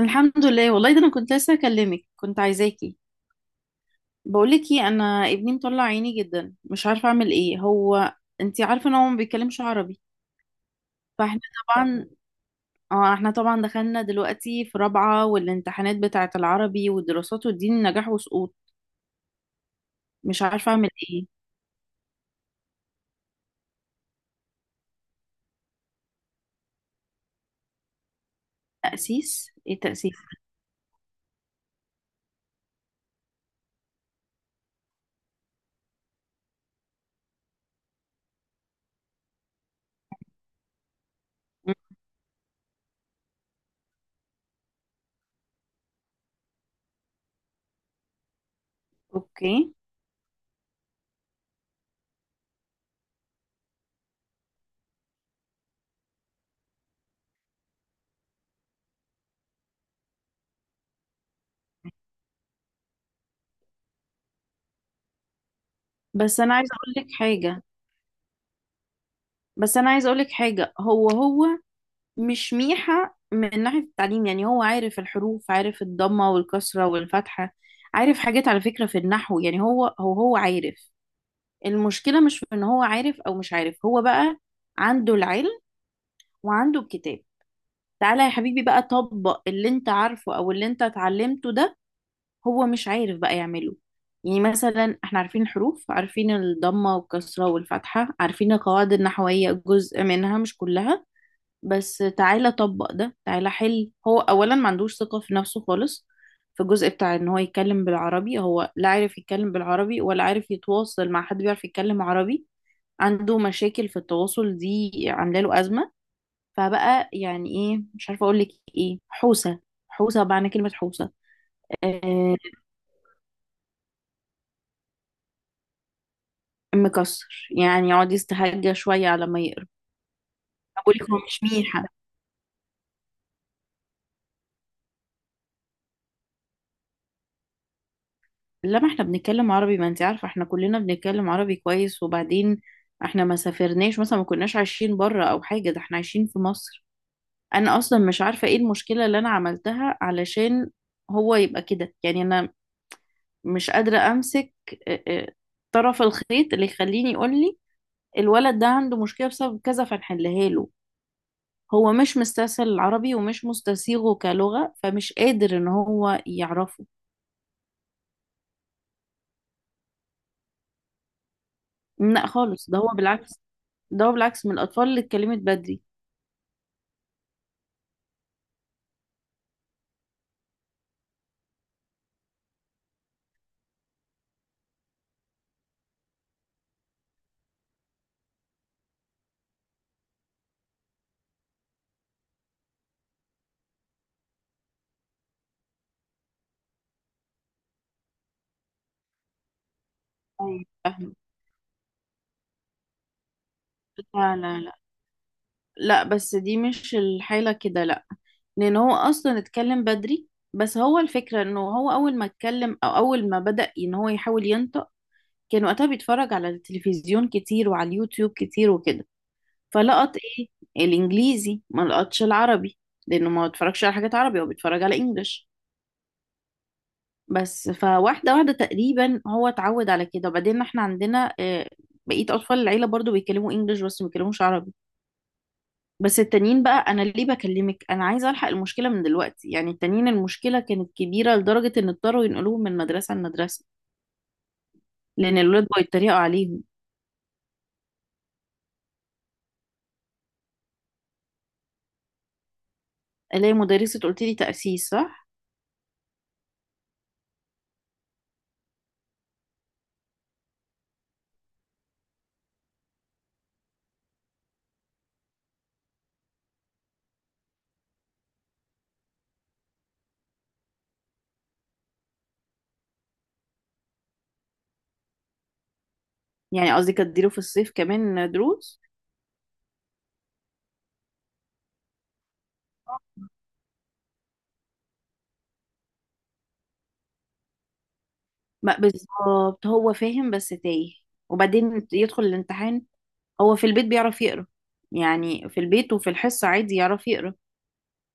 الحمد لله. والله ده انا كنت لسه اكلمك، كنت عايزاكي. بقولك ايه، انا ابني مطلع عيني جدا، مش عارفه اعمل ايه. هو انتي عارفه ان هو ما بيتكلمش عربي، فاحنا طبعا. اه احنا طبعا دخلنا دلوقتي في رابعه، والامتحانات بتاعه العربي والدراسات والدين نجاح وسقوط. مش عارفه اعمل ايه. تأسيس؟ ايه تأسيس؟ مم، اوكي. بس انا عايزه اقولك حاجه، بس انا عايزه اقولك حاجه. هو مش ميحة من ناحية التعليم، يعني هو عارف الحروف، عارف الضمة والكسرة والفتحة، عارف حاجات على فكرة في النحو. يعني هو عارف. المشكلة مش في ان هو عارف او مش عارف. هو بقى عنده العلم وعنده الكتاب، تعالى يا حبيبي بقى طبق اللي انت عارفه او اللي انت اتعلمته ده، هو مش عارف بقى يعمله. يعني مثلا احنا عارفين الحروف، عارفين الضمة والكسرة والفتحة، عارفين القواعد النحوية جزء منها مش كلها، بس تعالى طبق ده، تعالى حل. هو اولا ما عندوش ثقة في نفسه خالص في الجزء بتاع ان هو يتكلم بالعربي. هو لا عارف يتكلم بالعربي، ولا عارف يتواصل مع حد بيعرف يتكلم عربي. عنده مشاكل في التواصل دي عاملة له أزمة. فبقى يعني ايه، مش عارفة اقول لك ايه. حوسة، حوسة، معنى كلمة حوسة. آه، مكسر يعني، يقعد يستهجى شوية على ما يقرب. بقول لك هو مش ميحة. لما احنا بنتكلم عربي، ما انت عارفة احنا كلنا بنتكلم عربي كويس. وبعدين احنا ما سافرناش مثلا، ما كناش عايشين بره او حاجة، ده احنا عايشين في مصر. انا اصلا مش عارفة ايه المشكلة اللي انا عملتها علشان هو يبقى كده، يعني انا مش قادرة امسك، اه، اه، طرف الخيط اللي يخليني يقول لي الولد ده عنده مشكلة بسبب كذا فنحلها له. هو مش مستسهل العربي، ومش مستسيغه كلغة، فمش قادر ان هو يعرفه. لا خالص، ده هو بالعكس، ده هو بالعكس من الاطفال اللي اتكلمت بدري. أيوة، فاهمة. لا لا لا لا، بس دي مش الحالة كده، لا. لأن هو أصلا اتكلم بدري، بس هو الفكرة إنه هو أول ما اتكلم، أو أول ما بدأ إن هو يحاول ينطق، كان وقتها بيتفرج على التلفزيون كتير وعلى اليوتيوب كتير وكده، فلقط إيه، الإنجليزي، ما لقطش العربي، لأنه ما بيتفرجش على حاجات عربي، هو بيتفرج على إنجلش. بس فواحدة واحدة تقريبا هو اتعود على كده. وبعدين احنا عندنا بقية أطفال العيلة برضو بيتكلموا إنجلش بس ما بيتكلموش عربي. بس التانيين بقى، انا ليه بكلمك، انا عايزه الحق المشكله من دلوقتي. يعني التانيين المشكله كانت كبيره لدرجه ان اضطروا ينقلوهم من مدرسه لمدرسه، لان الولاد بقوا يتريقوا عليهم. الاقي مدرسه، قلت لي تاسيس صح؟ يعني قصدي كانت تديله في الصيف كمان دروس. ما بالظبط هو فاهم بس تايه، وبعدين يدخل الامتحان. هو في البيت بيعرف يقرا، يعني في البيت وفي الحصه عادي يعرف يقرا.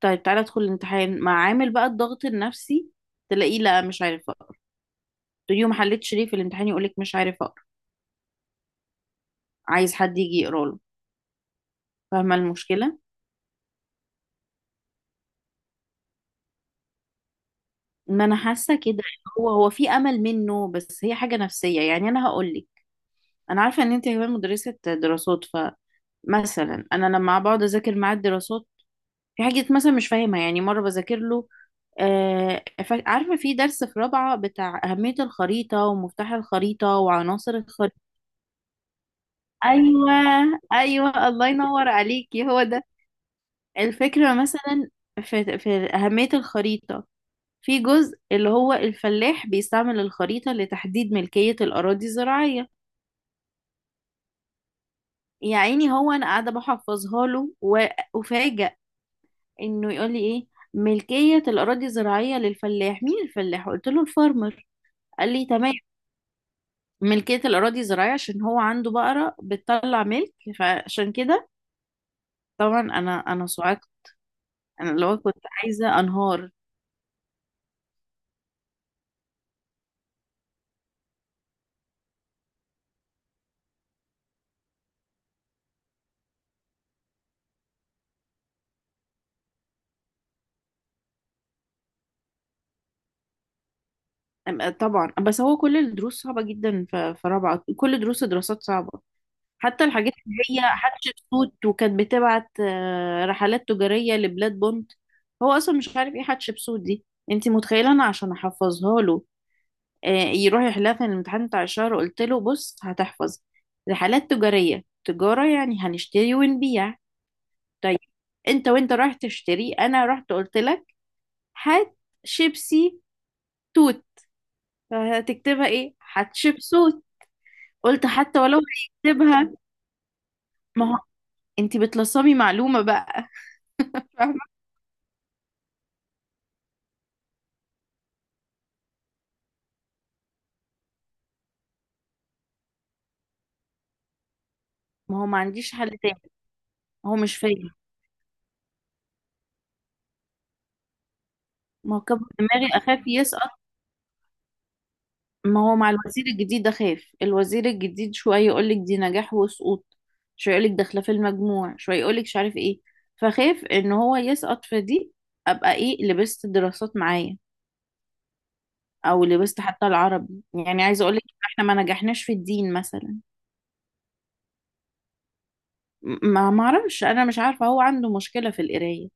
طيب تعالى ادخل الامتحان مع عامل بقى الضغط النفسي، تلاقيه لا مش عارف. تقولي له ما حلتش ليه في الامتحان؟ يقولك مش عارف اقرا، عايز حد يجي يقرا له. فاهمه المشكله؟ ما انا حاسه كده إن هو، هو في امل منه، بس هي حاجه نفسيه. يعني انا هقول لك، انا عارفه ان انت كمان مدرسه دراسات، فمثلا انا لما بقعد اذاكر معاه الدراسات في حاجه مثلا مش فاهمها، يعني مره بذاكر له، عارفه في درس في رابعه بتاع اهميه الخريطه ومفتاح الخريطه وعناصر الخريطه. ايوه. ايوه، الله ينور عليكي، هو ده. الفكرة مثلا في, أهمية الخريطة، في جزء اللي هو الفلاح بيستعمل الخريطة لتحديد ملكية الأراضي الزراعية. يا عيني، هو أنا قاعدة بحفظها له، وأفاجأ إنه يقول لي إيه، ملكية الأراضي الزراعية للفلاح. مين الفلاح؟ قلت له الفارمر، قال لي تمام، ملكية الأراضي الزراعية، عشان هو عنده بقرة بتطلع ملك. فعشان كده طبعا أنا صعقت. أنا لو كنت عايزة أنهار. طبعا، بس هو كل الدروس صعبة جدا. في رابعة كل دروس دراسات صعبة، حتى الحاجات اللي هي حتشبسوت وكانت بتبعت رحلات تجارية لبلاد بونت. هو أصلا مش عارف ايه حتشبسوت دي. انتي متخيلة؟ أنا عشان أحفظها له، يروح يحلها في الامتحان بتاع الشهر، قلت له بص، هتحفظ رحلات تجارية، تجارة يعني هنشتري ونبيع، طيب انت وانت رايح تشتري، أنا رحت قلت لك هات شيبسي توت. فهتكتبها ايه؟ حتشبسوت. قلت حتى ولو هيكتبها، ما هو انت بتلصمي معلومة بقى. فاهمة؟ ما هو ما عنديش حل تاني، ما هو مش فاهم. ما هو كبر دماغي اخاف يسقط، ما هو مع الوزير الجديد اخاف. الوزير الجديد شوية يقولك دي نجاح وسقوط، شوية يقولك داخلة في المجموع، شوية يقولك مش عارف ايه. فخاف ان هو يسقط في دي، ابقى ايه، لبست دراسات معايا او لبست حتى العربي. يعني عايزة اقولك، احنا ما نجحناش في الدين مثلا. ما معرفش، انا مش عارفة هو عنده مشكلة في القراية.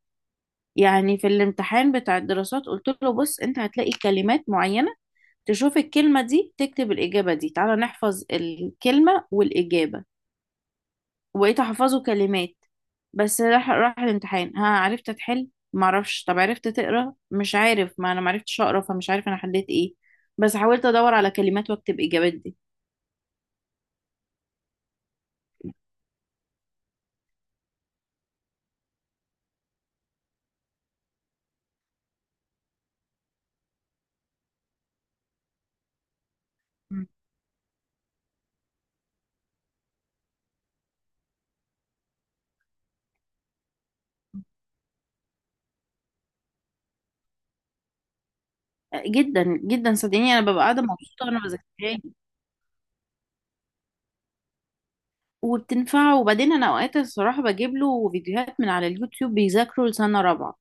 يعني في الامتحان بتاع الدراسات قلت له بص، انت هتلاقي كلمات معينة، تشوف الكلمة دي تكتب الإجابة دي، تعالى نحفظ الكلمة والإجابة، وبقيت أحفظه كلمات. بس راح، الامتحان. ها، عرفت تحل؟ معرفش. طب عرفت تقرا؟ مش عارف، ما انا معرفتش اقرا، فمش عارف انا حليت ايه، بس حاولت ادور على كلمات واكتب اجابات دي. مم. جدا جدا صدقيني، انا ببقى قاعده مبسوطه وانا بذاكرها، وبتنفعه. وبعدين انا اوقات الصراحه بجيب له فيديوهات من على اليوتيوب بيذاكروا لسنه رابعه،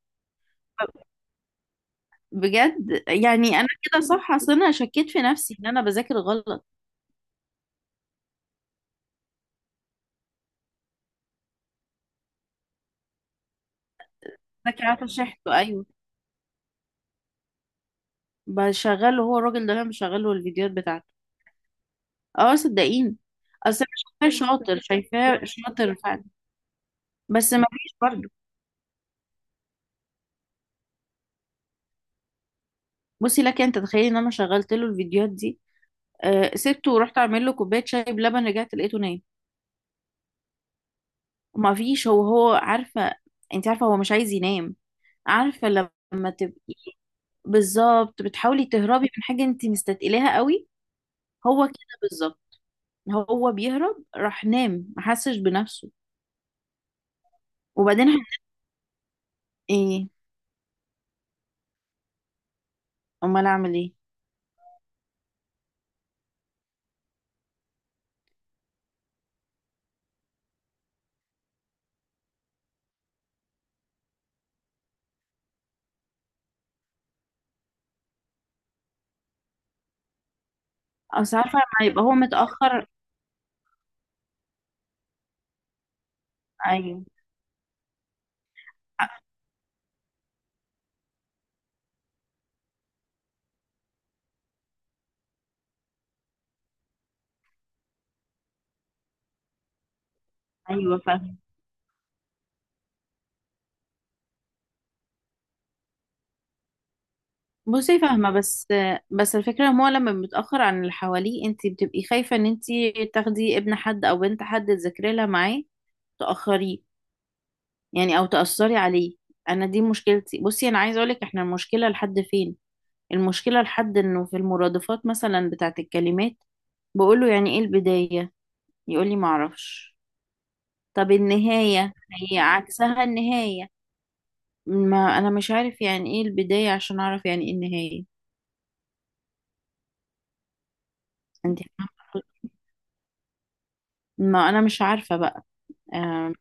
بجد. يعني انا كده صح؟ اصل انا شكيت في نفسي ان انا بذاكر غلط. بذاكر، عارفه شحته، ايوه، بشغله. هو الراجل ده انا بشغله الفيديوهات بتاعته. اه، صدقيني. اصل انا شايفاه شاطر، شايفاه شاطر فعلا. بس ما فيش برضه. بصي لك، انت تخيلي ان انا شغلت له الفيديوهات دي، آه، سبته ورحت اعمل له كوبايه شاي بلبن، رجعت لقيته نايم. ما فيش، هو هو عارفه، انت عارفه هو مش عايز ينام، عارفه لما تبقي بالظبط بتحاولي تهربي من حاجه انت مستثقلاها قوي، هو كده بالظبط. هو بيهرب، راح نام ما حسش بنفسه. وبعدين ه- ايه؟ امال اعمل ايه؟ اصل عارفه لما يبقى هو متاخر. ايوه. ايوه، فاهمه. بصي فاهمه، بس بس الفكره ان هو لما متاخر عن اللي حواليه، انت بتبقي خايفه ان انت تاخدي ابن حد او بنت حد تذاكري لها معاه تاخريه، يعني او تاثري عليه. انا دي مشكلتي. بصي انا عايزه اقولك، احنا المشكله لحد فين، المشكله لحد انه في المرادفات مثلا بتاعه الكلمات، بقوله يعني ايه البدايه، يقولي معرفش. طب النهاية هي عكسها النهاية. ما انا مش عارف يعني ايه البداية عشان اعرف يعني ايه النهاية. انت فاهمة؟ ما انا مش عارفة بقى. آم،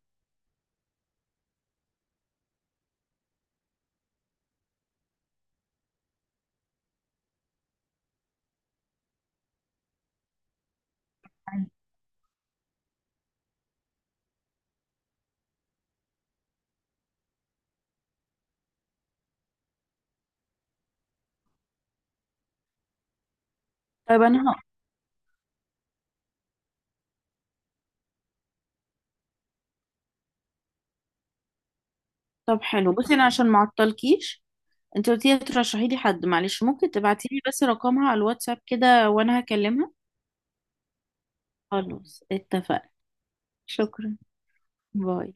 طيب انا طب حلو. بصي انا عشان ما اعطلكيش، انت قلتي لي ترشحي لي حد، معلش ممكن تبعتي لي بس رقمها على الواتساب كده، وانا هكلمها. خلاص اتفقنا. شكرا. باي.